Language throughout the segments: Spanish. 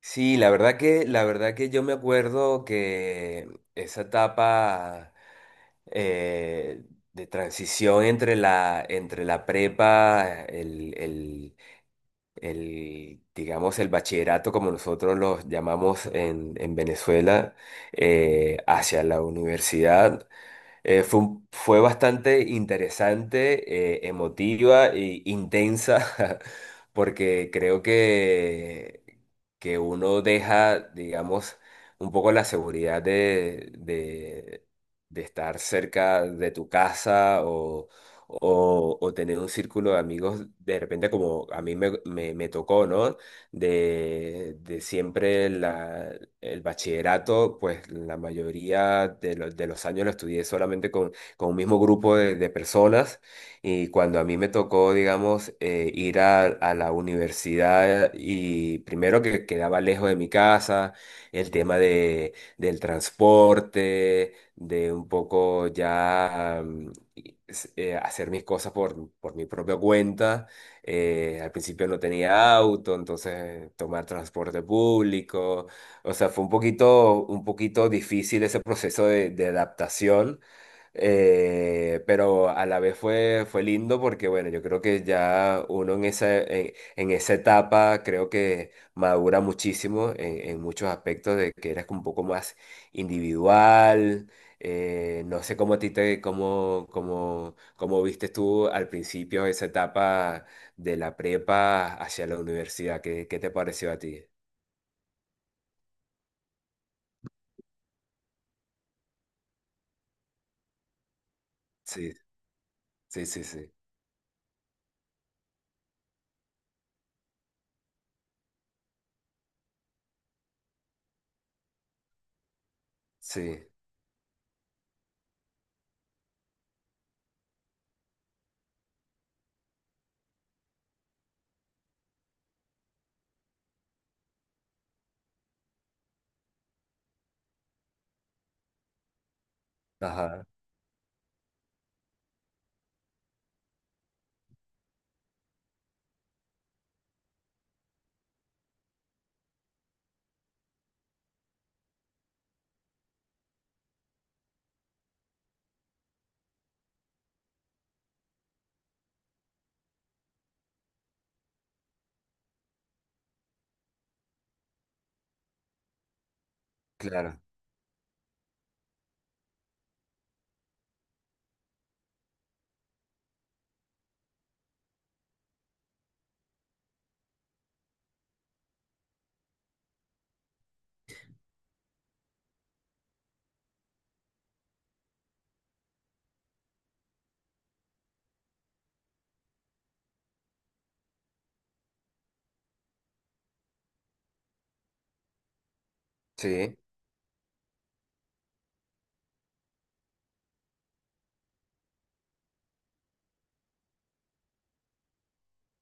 Sí, la verdad que yo me acuerdo que esa etapa eh, de transición entre la prepa, digamos, el bachillerato, como nosotros los llamamos en Venezuela, hacia la universidad. Fue, fue bastante interesante, emotiva e intensa, porque creo que uno deja, digamos, un poco la seguridad de estar cerca de tu casa o, o tener un círculo de amigos, de repente como a mí me tocó, ¿no? De siempre el bachillerato, pues la mayoría de, de los años lo estudié solamente con un mismo grupo de personas, y cuando a mí me tocó, digamos, ir a la universidad, y primero que quedaba lejos de mi casa, el tema de, del transporte, de un poco ya... hacer mis cosas por mi propia cuenta. Al principio no tenía auto, entonces tomar transporte público. O sea, fue un poquito difícil ese proceso de adaptación. Pero a la vez fue, fue lindo porque, bueno, yo creo que ya uno en esa etapa creo que madura muchísimo en muchos aspectos de que eres como un poco más individual. No sé cómo a ti te, cómo viste tú al principio esa etapa de la prepa hacia la universidad. ¿Qué, qué te pareció a ti? Sí, sí, sí, sí. Sí, ajá, claro. Sí,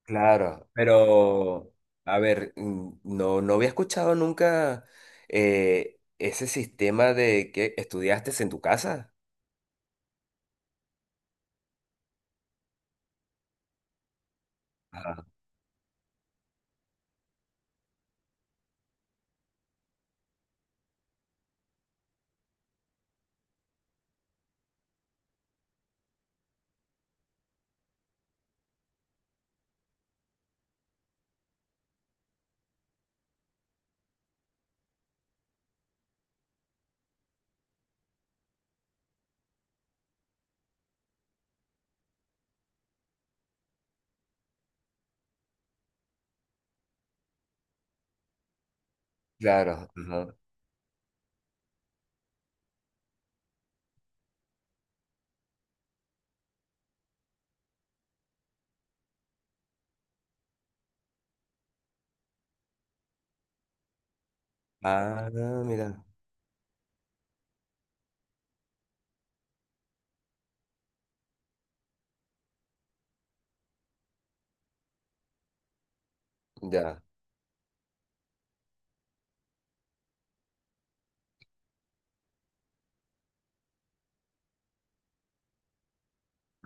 claro. Pero, a ver, no, no había escuchado nunca ese sistema de que estudiaste en tu casa. Ajá, claro. Ajá. Ah, mira, ya.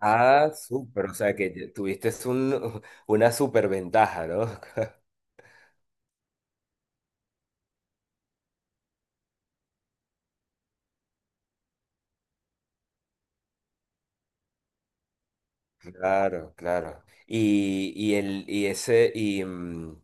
Ah, súper, o sea que ya tuviste un, una superventaja, ¿no? Claro, claro. Y el, y ese,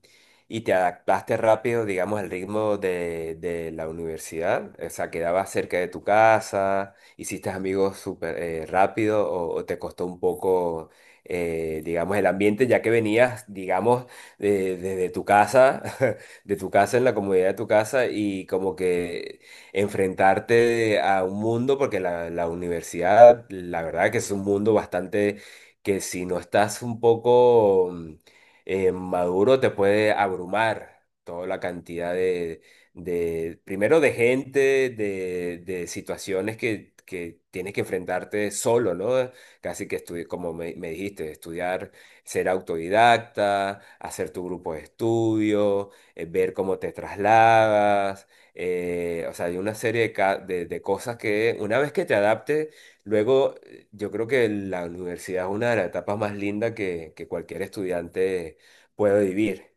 y te adaptaste rápido, digamos, al ritmo de la universidad. O sea, quedabas cerca de tu casa, hiciste amigos súper rápido, o te costó un poco, digamos, el ambiente, ya que venías, digamos, desde tu casa, de tu casa en la comodidad de tu casa, y como que enfrentarte a un mundo, porque la universidad, la verdad que es un mundo bastante que si no estás un poco maduro, te puede abrumar toda la cantidad de, primero de gente, de situaciones que tienes que enfrentarte solo, ¿no? Casi que como me dijiste, estudiar, ser autodidacta, hacer tu grupo de estudio, ver cómo te trasladas. O sea, hay una serie de, de cosas que una vez que te adaptes, luego yo creo que la universidad es una de las etapas más lindas que cualquier estudiante puede vivir.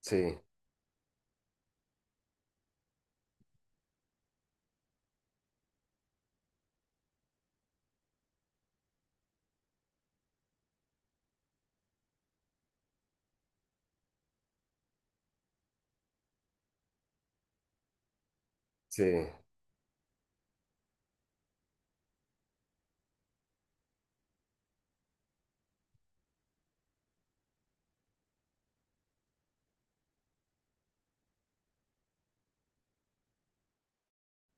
Sí, sí,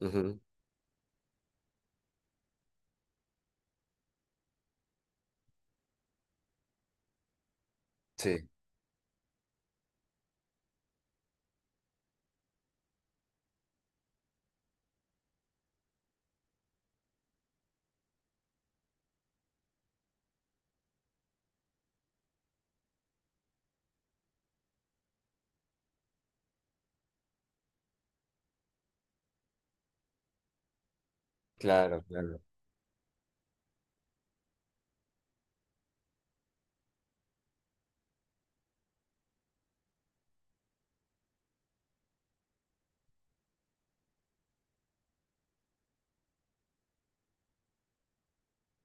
ujú, sí, claro, claro,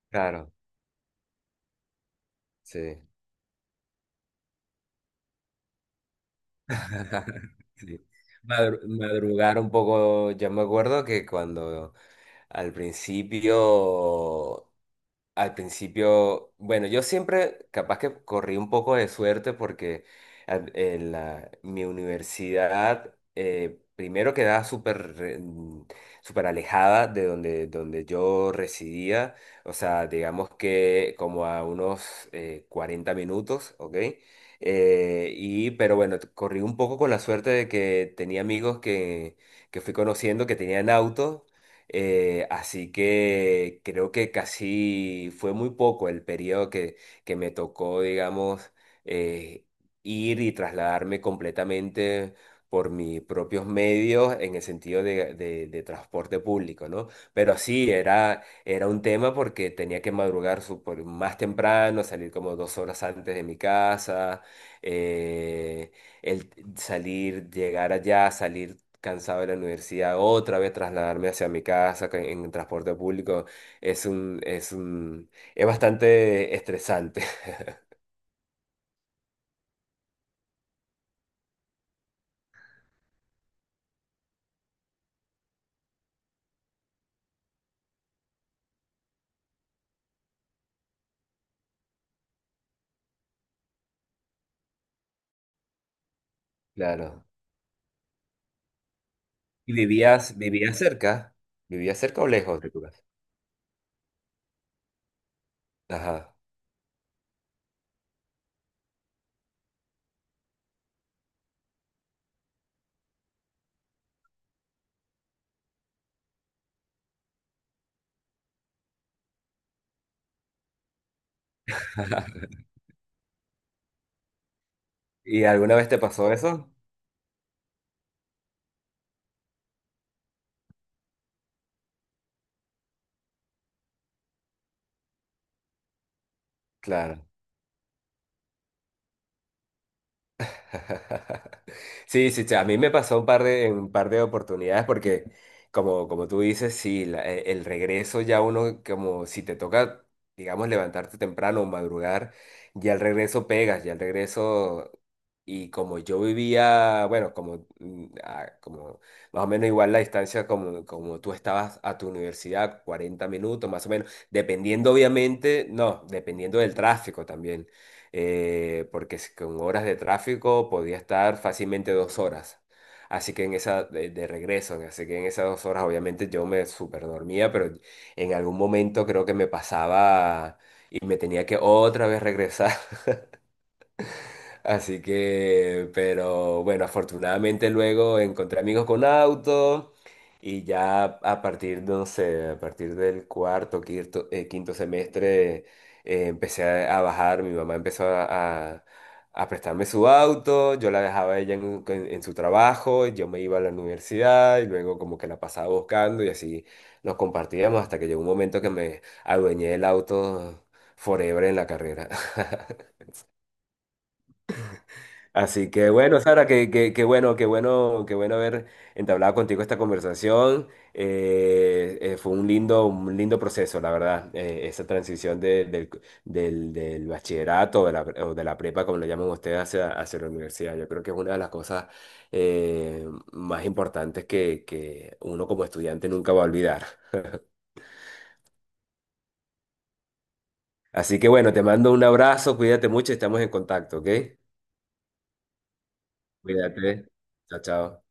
claro, sí. Sí. Madrugar un poco, ya me acuerdo que cuando al principio. Al principio, bueno, yo siempre capaz que corrí un poco de suerte porque mi universidad primero quedaba súper alejada de donde, donde yo residía, o sea, digamos que como a unos 40 minutos, ¿ok? Y, pero bueno, corrí un poco con la suerte de que tenía amigos que fui conociendo que tenían auto. Así que creo que casi fue muy poco el periodo que me tocó, digamos, eh, ir y trasladarme completamente por mis propios medios en el sentido de, de transporte público, ¿no? Pero sí, era, era un tema porque tenía que madrugar súper más temprano, salir como 2 horas antes de mi casa, eh, el salir, llegar allá, salir cansado de la universidad, otra vez trasladarme hacia mi casa, que en transporte público es un, es un, es bastante estresante. Claro. ¿Y vivías, vivías cerca? ¿Vivías cerca o lejos de tu casa? Ajá. ¿Y alguna vez te pasó eso? Claro. Sí, sí, sí, a mí me pasó un par de, en un par de oportunidades porque, como, como tú dices, sí, el regreso ya uno, como si te toca, digamos, levantarte temprano o madrugar, ya el regreso pegas, ya el regreso, y como yo vivía, bueno, como, como más o menos igual la distancia como, como tú estabas a tu universidad, 40 minutos más o menos, dependiendo obviamente, no, dependiendo del tráfico también porque con horas de tráfico podía estar fácilmente 2 horas. Así que en esa, de regreso, así que en esas 2 horas obviamente yo me super dormía, pero en algún momento creo que me pasaba y me tenía que otra vez regresar. Así que, pero bueno, afortunadamente luego encontré amigos con auto y ya a partir, no sé, a partir del cuarto, quinto, quinto semestre empecé a bajar, mi mamá empezó a prestarme su auto, yo la dejaba a ella en, en su trabajo, yo me iba a la universidad y luego como que la pasaba buscando y así nos compartíamos hasta que llegó un momento que me adueñé el auto forever en la carrera. Así que bueno, Sara, qué, qué, qué bueno, qué bueno, qué bueno haber entablado contigo esta conversación. Fue un lindo proceso, la verdad, esa transición del, del bachillerato de la, o de la prepa, como lo llaman ustedes, hacia, hacia la universidad. Yo creo que es una de las cosas eh, más importantes que uno como estudiante nunca va a olvidar. Así que bueno, te mando un abrazo, cuídate mucho, y estamos en contacto, ¿ok? Cuídate. Chao, chao.